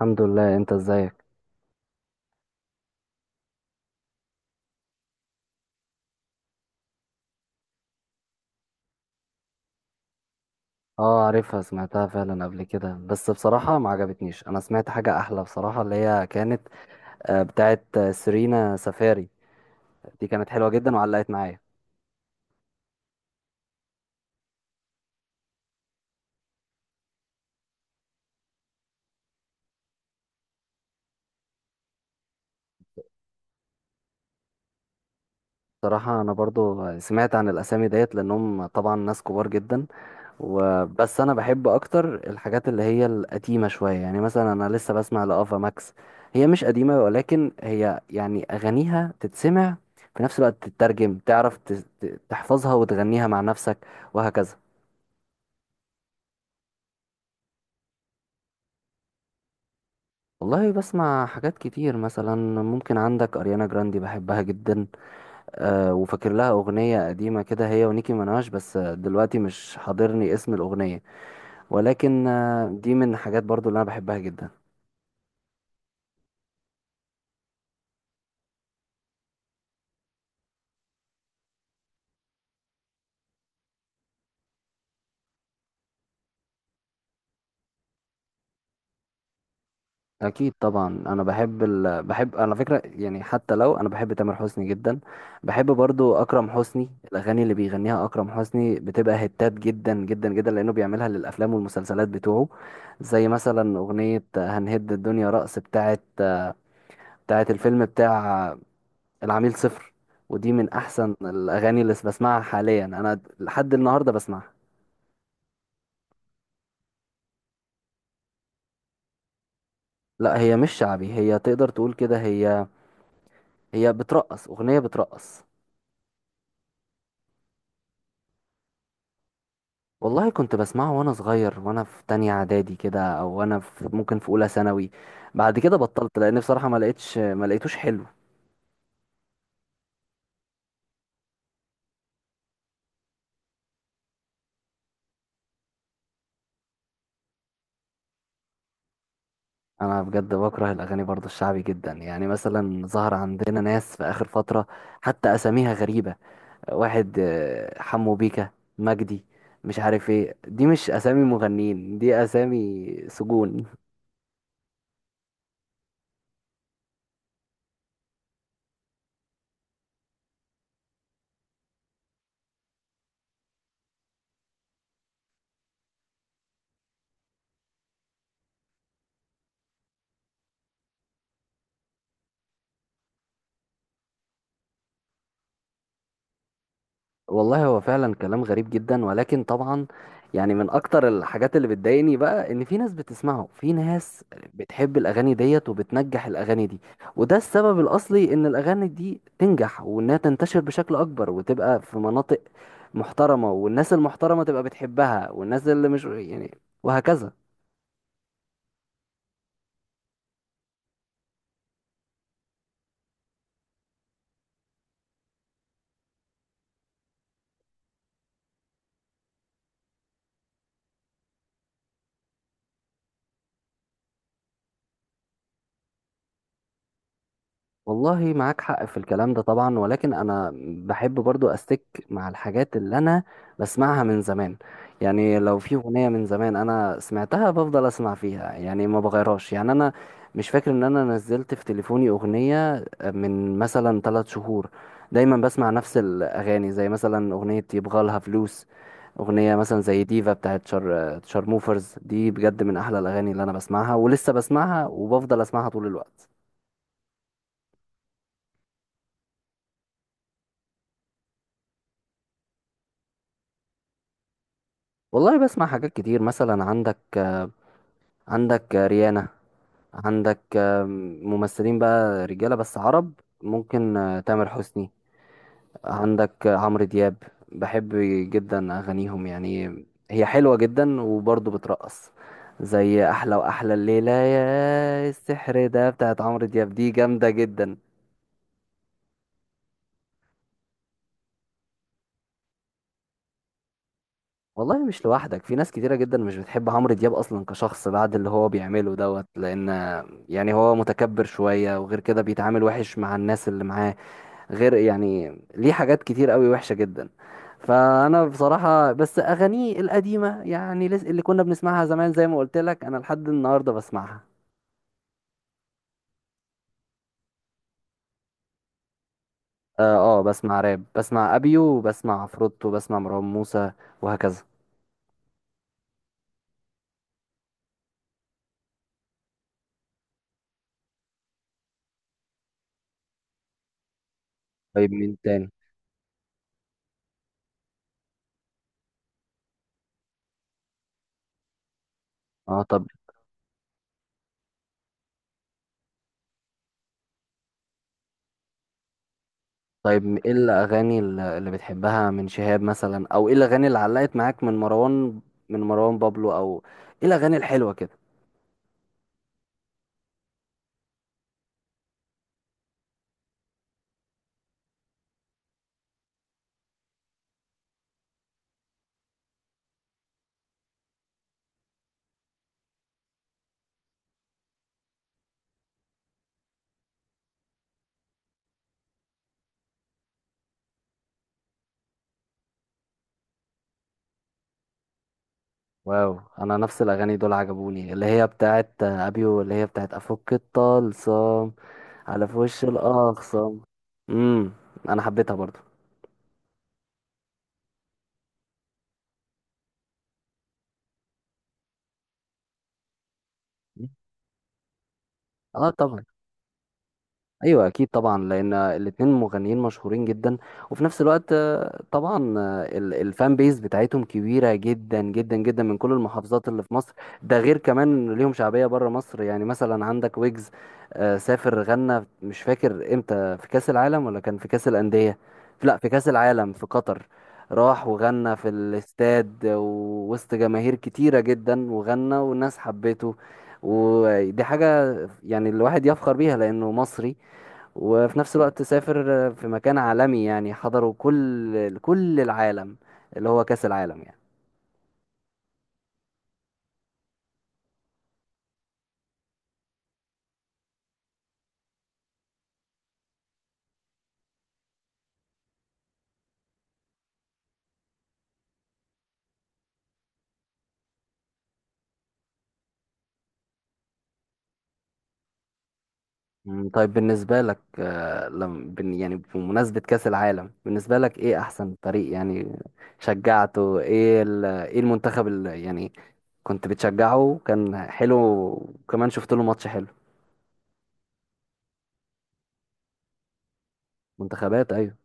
الحمد لله، انت ازيك؟ اه عارفها، سمعتها فعلا قبل كده، بس بصراحة ما عجبتنيش. انا سمعت حاجة احلى بصراحة، اللي هي كانت بتاعت سيرينا سفاري. دي كانت حلوة جدا وعلقت معايا. بصراحة انا برضو سمعت عن الاسامي ديت لانهم طبعا ناس كبار جدا، وبس انا بحب اكتر الحاجات اللي هي القديمة شوية. يعني مثلا انا لسه بسمع لافا ماكس. هي مش قديمة، ولكن هي يعني اغانيها تتسمع في نفس الوقت تترجم، تعرف تحفظها وتغنيها مع نفسك وهكذا. والله بسمع حاجات كتير. مثلا ممكن عندك أريانا جراندي، بحبها جدا. أه، وفاكر لها أغنية قديمة كده هي ونيكي مناش، بس دلوقتي مش حاضرني اسم الأغنية. ولكن دي من الحاجات برضو اللي أنا بحبها جدا. أكيد طبعا، أنا بحب على فكرة، يعني حتى لو أنا بحب تامر حسني جدا، بحب برضو أكرم حسني. الأغاني اللي بيغنيها أكرم حسني بتبقى هتات جدا جدا جدا، لأنه بيعملها للأفلام والمسلسلات بتوعه. زي مثلا أغنية هنهد الدنيا رقص بتاعت الفيلم بتاع العميل صفر. ودي من احسن الاغاني اللي بسمعها حاليا، انا لحد النهارده بسمعها. لا، هي مش شعبي، هي تقدر تقول كده، هي هي بترقص، اغنيه بترقص. والله كنت بسمعه وانا صغير وانا في تانية اعدادي كده، او وانا في، ممكن في اولى ثانوي. بعد كده بطلت لان بصراحه ما لقيتوش حلو. انا بجد بكره الاغاني برضو الشعبي جدا. يعني مثلا ظهر عندنا ناس في اخر فتره حتى اساميها غريبه. واحد حمو بيكا، مجدي، مش عارف ايه. دي مش اسامي مغنيين، دي اسامي سجون. والله هو فعلا كلام غريب جدا، ولكن طبعا يعني من اكتر الحاجات اللي بتضايقني بقى ان في ناس بتسمعه، في ناس بتحب الاغاني ديت، وبتنجح الاغاني دي. وده السبب الاصلي ان الاغاني دي تنجح وانها تنتشر بشكل اكبر وتبقى في مناطق محترمة، والناس المحترمة تبقى بتحبها، والناس اللي مش، يعني، وهكذا. والله معاك حق في الكلام ده طبعا، ولكن انا بحب برضو استك مع الحاجات اللي انا بسمعها من زمان. يعني لو في اغنية من زمان انا سمعتها بفضل اسمع فيها، يعني ما بغيرهاش. يعني انا مش فاكر ان انا نزلت في تليفوني اغنية من مثلا ثلاث شهور. دايما بسمع نفس الاغاني، زي مثلا اغنية يبغالها فلوس، اغنية مثلا زي ديفا بتاعت شار شارموفرز. دي بجد من احلى الاغاني اللي انا بسمعها، ولسه بسمعها وبفضل اسمعها طول الوقت. والله بسمع حاجات كتير. مثلا عندك ريانا، عندك ممثلين بقى، رجالة بس عرب، ممكن تامر حسني، عندك عمرو دياب. بحب جدا أغانيهم، يعني هي حلوة جدا وبرضه بترقص. زي أحلى وأحلى، الليلة يا السحر ده بتاعت عمرو دياب، دي جامدة جدا. والله مش لوحدك، في ناس كتيرة جدا مش بتحب عمرو دياب أصلا كشخص بعد اللي هو بيعمله دوت. لأن يعني هو متكبر شوية، وغير كده بيتعامل وحش مع الناس اللي معاه، غير يعني ليه حاجات كتير قوي وحشة جدا. فأنا بصراحة بس أغانيه القديمة، اللي كنا بنسمعها زمان، زي ما قلت لك أنا لحد النهاردة بسمعها. آه, بسمع راب، بسمع أبيو وبسمع عفروتو وبسمع مروان موسى وهكذا. طيب مين تاني؟ اه، طب، طيب ايه الاغاني اللي بتحبها من شهاب مثلا، او ايه الاغاني اللي علقت معاك من مروان، من مروان بابلو، او ايه الاغاني الحلوه كده؟ واو، انا نفس الاغاني دول عجبوني، اللي هي بتاعت ابيو، اللي هي بتاعت افك الطلسم، على في وش الاخصم. امم، انا حبيتها برضو. اه طبعا، ايوه اكيد طبعا، لان الاتنين مغنيين مشهورين جدا. وفي نفس الوقت طبعا الفان بيز بتاعتهم كبيره جدا جدا جدا، من كل المحافظات اللي في مصر. ده غير كمان إن ليهم شعبيه بره مصر. يعني مثلا عندك ويجز، سافر غنى، مش فاكر امتى، في كاس العالم ولا كان في كاس الانديه. لا، في كاس العالم في قطر. راح وغنى في الاستاد ووسط جماهير كتيره جدا، وغنى والناس حبته. ودي حاجه يعني الواحد يفخر بيها لانه مصري، وفي نفس الوقت سافر في مكان عالمي يعني حضره كل العالم، اللي هو كأس العالم يعني. طيب بالنسبة لك، آه، لم بن- يعني بمناسبة كأس العالم، بالنسبة لك ايه احسن فريق؟ يعني شجعته ايه، ايه المنتخب اللي يعني كنت بتشجعه، كان حلو وكمان شفت له ماتش حلو؟ منتخبات، ايوه.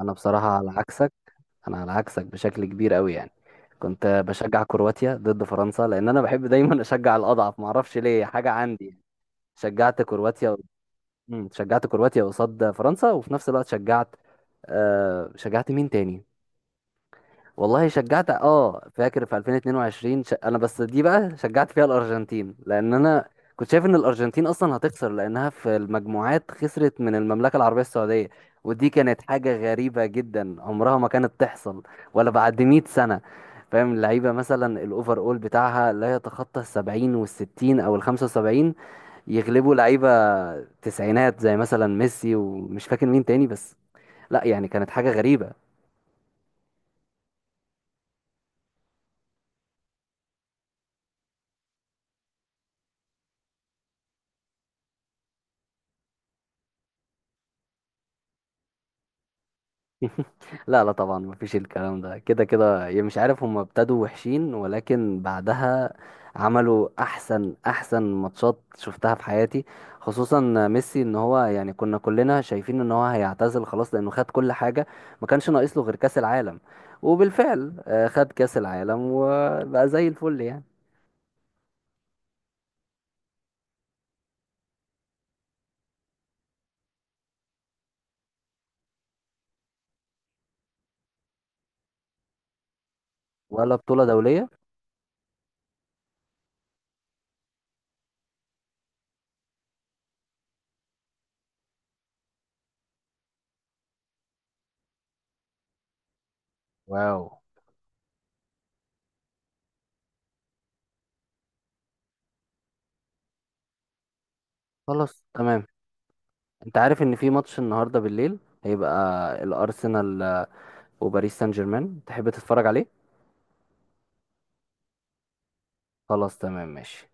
انا بصراحة على عكسك، انا على عكسك بشكل كبير قوي. يعني كنت بشجع كرواتيا ضد فرنسا، لان انا بحب دايما اشجع الاضعف، ما اعرفش ليه، حاجه عندي. شجعت كرواتيا. شجعت كرواتيا قصاد فرنسا، وفي نفس الوقت شجعت، شجعت مين تاني؟ والله شجعت، اه فاكر في 2022، انا بس دي بقى شجعت فيها الارجنتين، لان انا كنت شايف ان الارجنتين اصلا هتخسر، لانها في المجموعات خسرت من المملكه العربيه السعوديه. ودي كانت حاجه غريبه جدا، عمرها ما كانت تحصل ولا بعد 100 سنه. فاهم؟ اللعيبه مثلا الاوفر اول بتاعها لا يتخطى ال 70 وال 60 او ال 75، يغلبوا لعيبه تسعينات زي مثلا ميسي ومش فاكر مين تاني. بس لا، يعني كانت حاجه غريبه. لا لا، طبعا مفيش الكلام ده، كده كده يعني مش عارف، هم ابتدوا وحشين ولكن بعدها عملوا احسن ماتشات شفتها في حياتي. خصوصا ميسي، ان هو يعني كنا كلنا شايفين ان هو هيعتزل خلاص لانه خد كل حاجة، ما كانش ناقص له غير كأس العالم. وبالفعل خد كأس العالم وبقى زي الفل يعني. ولا بطولة دولية. واو. خلاص تمام. انت عارف ان في ماتش النهاردة بالليل هيبقى، الارسنال وباريس سان جيرمان، تحب تتفرج عليه؟ خلاص تمام ماشي.